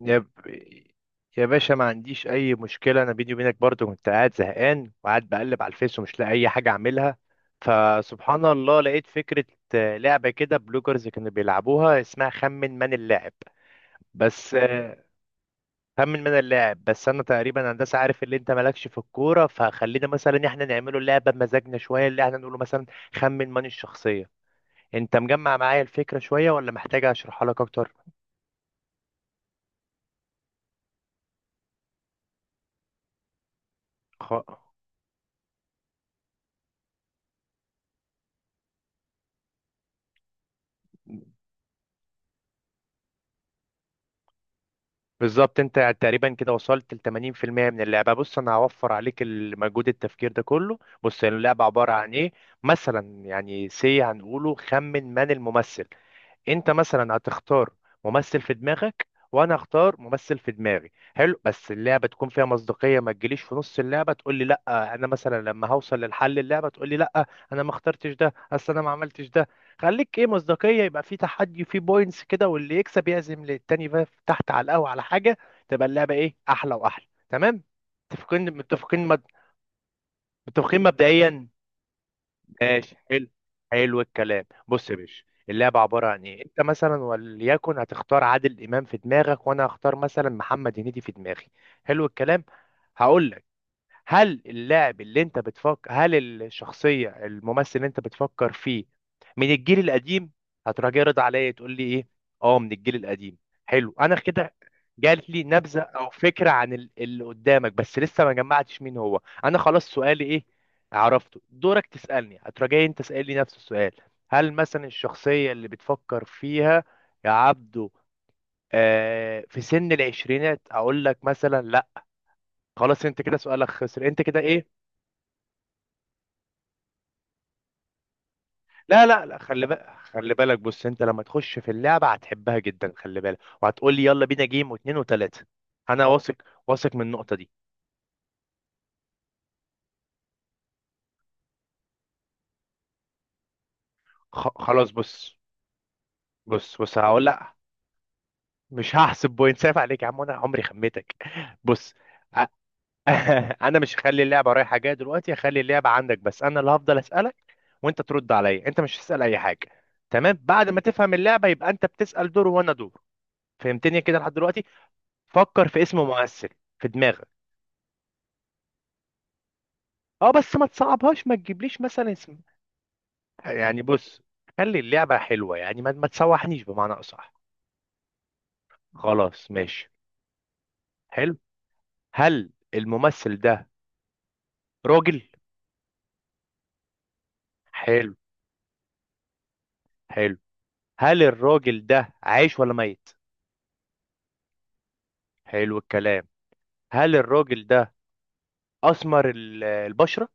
يا ب... يا باشا، ما عنديش اي مشكله. انا بيني وبينك برضو كنت قاعد زهقان وقاعد بقلب على الفيس ومش لاقي اي حاجه اعملها. فسبحان الله لقيت فكره. لعبه كده بلوجرز كانوا بيلعبوها اسمها خمن من اللاعب. بس خمن من اللاعب. بس انا تقريبا هندسه عارف اللي انت مالكش في الكوره، فخلينا مثلا احنا نعمله لعبه بمزاجنا شويه اللي احنا نقوله. مثلا خمن من الشخصيه. انت مجمع معايا الفكره شويه ولا محتاج اشرحها لك اكتر؟ خ... بالظبط، انت تقريبا كده وصلت ل 80% من اللعبه. بص، انا هوفر عليك المجهود التفكير ده كله. بص، اللعبه عباره عن ايه. مثلا يعني سي هنقوله خمن من الممثل. انت مثلا هتختار ممثل في دماغك، وانا اختار ممثل في دماغي. حلو، بس اللعبه تكون فيها مصداقيه، ما تجيليش في نص اللعبه تقول لي لا. انا مثلا لما هوصل للحل اللعبه تقول لي لا انا ما اخترتش ده، اصل انا ما عملتش ده. خليك ايه مصداقيه، يبقى في تحدي، في بوينتس كده، واللي يكسب يعزم للتاني بقى في- تحت على القهوه على حاجه. تبقى اللعبه ايه، احلى واحلى. تمام؟ متفقين متفقين متفقين مبدئيا. ماشي. حلو. حلو الكلام. بص يا باشا، اللعبة عبارة عن ايه. انت مثلا وليكن هتختار عادل امام في دماغك، وانا هختار مثلا محمد هنيدي في دماغي. حلو الكلام. هقول لك هل اللاعب اللي انت بتفكر، هل الشخصية الممثل اللي انت بتفكر فيه من الجيل القديم؟ هتروح جاي رد عليا تقول لي ايه، اه من الجيل القديم. حلو، انا كده جات لي نبذة او فكرة عن اللي قدامك، بس لسه ما جمعتش مين هو. انا خلاص سؤالي ايه، عرفته. دورك تسألني. هتروح جاي انت تسألني نفس السؤال، هل مثلا الشخصية اللي بتفكر فيها يا عبدو في سن العشرينات، اقول لك مثلا لا. خلاص، انت كده سؤالك خسر. انت كده ايه. لا لا لا، خلي بالك، خلي بالك. بص، انت لما تخش في اللعبه هتحبها جدا، خلي بالك، وهتقول لي يلا بينا جيم، واتنين وتلاته. انا اه واثق. واثق من النقطه دي. خلاص بص. بص بص هقول لا. مش هحسب بوينت، سايف عليك يا عم، انا عمري خميتك. بص، أ- انا مش هخلي اللعبه رايحه جايه دلوقتي. هخلي اللعبه عندك، بس انا اللي هفضل اسالك وانت ترد عليا. انت مش هتسال اي حاجه. تمام؟ بعد ما تفهم اللعبه يبقى انت بتسال دور وانا دور. فهمتني كده لحد دلوقتي؟ فكر في اسم ممثل في دماغك. اه بس ما تصعبهاش، ما تجيبليش مثلا اسم يعني. بص، خلي اللعبة حلوة يعني، ما تسوحنيش بمعنى أصح. خلاص ماشي. حلو. هل الممثل ده راجل؟ حلو. حلو. هل الراجل ده عايش ولا ميت؟ حلو الكلام. هل الراجل ده أسمر البشرة؟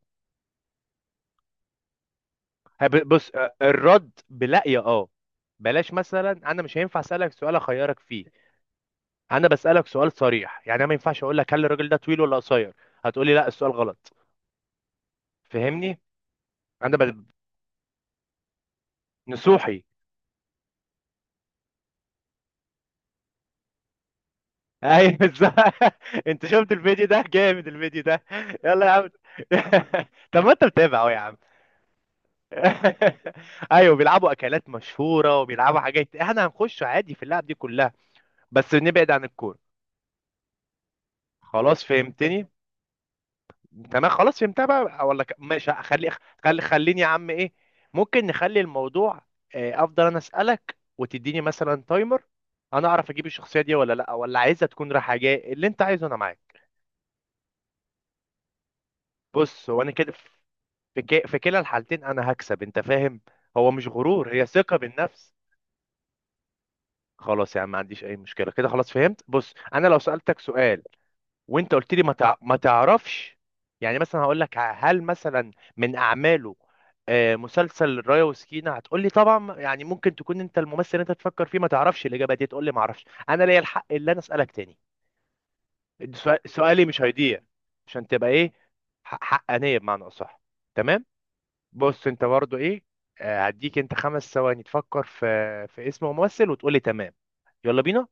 بص الرد بلا يا اه. بلاش مثلا، انا مش هينفع اسالك سؤال اخيرك فيه. انا بسالك سؤال صريح يعني. انا ما ينفعش اقول لك هل الراجل ده طويل ولا قصير، هتقولي لا السؤال غلط. فهمني. انا بل... نصوحي. ايوه بالظبط. انت شفت الفيديو ده؟ جامد الفيديو ده. يلا يا عم. طب ما انت متابع اهو يا عم. ايوه، بيلعبوا اكلات مشهوره وبيلعبوا حاجات، احنا هنخش عادي في اللعب دي كلها. بس نبعد عن الكوره. خلاص فهمتني. تمام. خلاص فهمتها بقى ولا ماشي. خلي خليني يا عم ايه، ممكن نخلي الموضوع افضل انا اسالك وتديني مثلا تايمر، انا اعرف اجيب الشخصيه دي ولا لا، ولا عايزها تكون رايحه جايه. اللي انت عايزه انا معاك. بص هو انا كده في كلا الحالتين انا هكسب، انت فاهم. هو مش غرور، هي ثقة بالنفس. خلاص يا عم، ما عنديش اي مشكلة كده. خلاص فهمت. بص انا لو سألتك سؤال وانت قلت لي ما تعرفش، يعني مثلا هقول لك هل مثلا من اعماله مسلسل رايا وسكينة، هتقول لي طبعا، يعني ممكن تكون انت الممثل اللي انت تفكر فيه، ما تعرفش الاجابة دي تقول لي ما اعرفش، انا ليا الحق اللي انا اسالك تاني. سؤالي مش هيضيع عشان تبقى ايه، حقانية بمعنى اصح. تمام. بص انت برضو ايه، هديك انت خمس ثواني تفكر في في اسم ممثل وتقولي تمام. يلا بينا.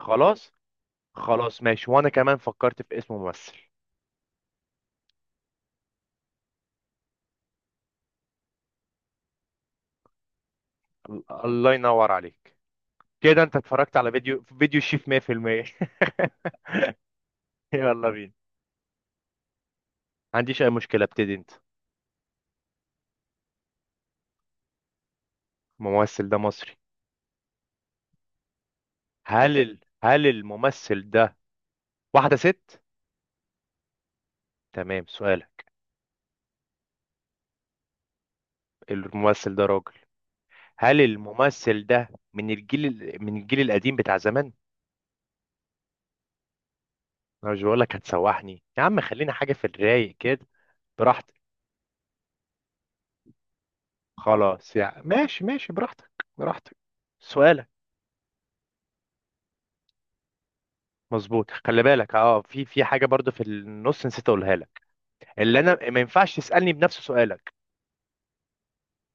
خلاص. خلاص ماشي، وانا كمان فكرت في اسم ممثل. الله ينور عليك. كده انت اتفرجت على فيديو فيديو الشيف 100%. يلا بينا. ما عنديش اي مشكلة، ابتدي انت. الممثل ده مصري. هل الممثل ده واحدة ست؟ تمام سؤالك. الممثل ده راجل. هل الممثل ده من الجيل القديم بتاع زمان؟ انا مش بقول لك هتسوحني يا عم، خلينا حاجه في الرايق كده. براحتك. خلاص يا ماشي ماشي براحتك. براحتك. سؤالك. مظبوط. خلي بالك اه، في حاجه برضو في النص نسيت اقولها لك، اللي انا ما ينفعش تسالني بنفس سؤالك.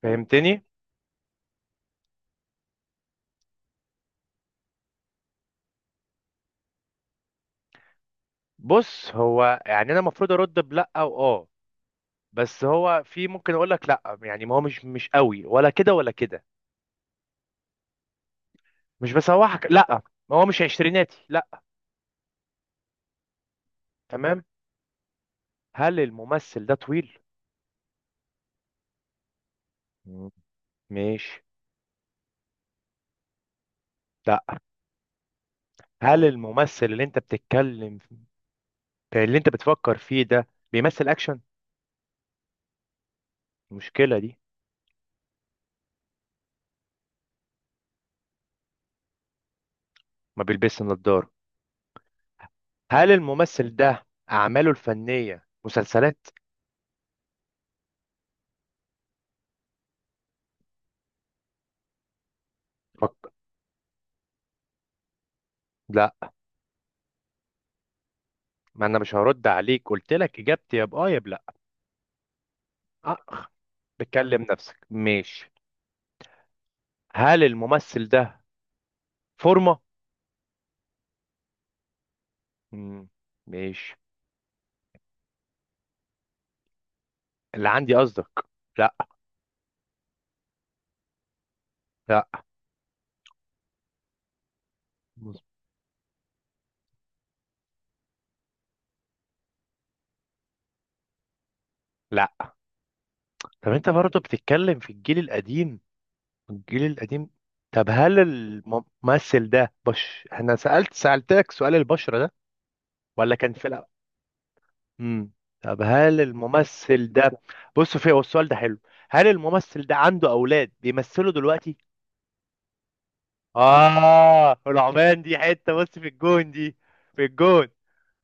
فهمتني. بص هو يعني انا المفروض ارد بلا او اه، بس هو في ممكن اقول لك لا يعني، ما هو مش قوي ولا كده ولا كده. مش بسوحك لا. ما هو مش عشريناتي لا. تمام. هل الممثل ده طويل؟ مم. ماشي. لا. هل الممثل اللي انت بتتكلم، اللي انت بتفكر فيه ده بيمثل اكشن؟ المشكله دي، ما بيلبسش نظاره. هل الممثل ده اعماله الفنيه مسلسلات؟ فك... لا، ما انا مش هرد عليك، قلت لك اجابتي يا باه يا بلا. أه. بتكلم نفسك ماشي. هل الممثل ده فورمه؟ مم. ماشي. اللي عندي قصدك. لا. لا. لا. طب انت برضه بتتكلم في الجيل القديم، الجيل القديم. طب هل الممثل ده انا سألتك سؤال البشرة ده ولا كان في الأول؟ امم طب هل الممثل ده، بص في هو السؤال ده حلو، هل الممثل ده عنده أولاد بيمثلوا دلوقتي؟ العمان دي حتة، بص في الجون دي. في الجون.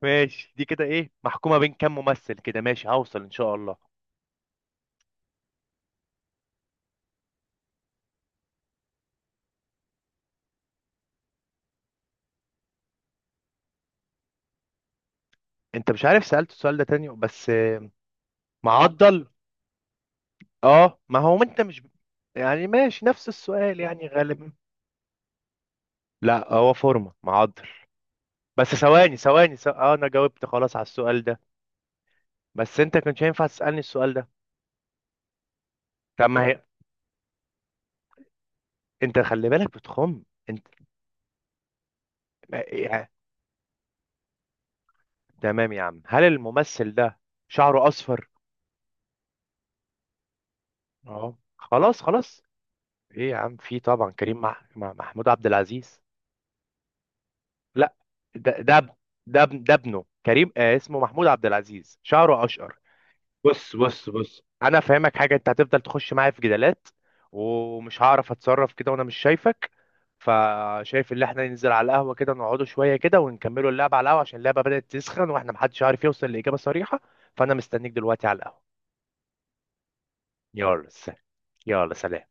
ماشي. دي كده ايه، محكومة بين كام ممثل كده، ماشي هوصل ان شاء الله. انت مش عارف، سألت السؤال ده تاني بس معضل. اه ما هو انت مش، يعني ماشي نفس السؤال يعني غالبا. لا هو فورمة معضل. بس ثواني ثواني اه انا جاوبت خلاص على السؤال ده. بس انت كنتش هينفع تسألني السؤال ده. طب ما هي. انت خلي بالك بتخم. انت يعني... تمام يا عم. هل الممثل ده شعره اصفر؟ اه خلاص خلاص. ايه يا عم، في طبعا كريم مع محمود عبد العزيز. لا، ده ده اب- ده ابنه كريم اسمه محمود عبد العزيز شعره اشقر. بص بص بص، انا افهمك حاجه، انت هتفضل تخش معايا في جدالات ومش هعرف اتصرف كده وانا مش شايفك. فشايف ان احنا ننزل على القهوه كده، نقعدوا شويه كده ونكملوا اللعبه على القهوه، عشان اللعبه بدات تسخن واحنا محدش عارف يوصل لاجابه صريحه. فانا مستنيك دلوقتي على القهوه. يلا س- يلا سلام.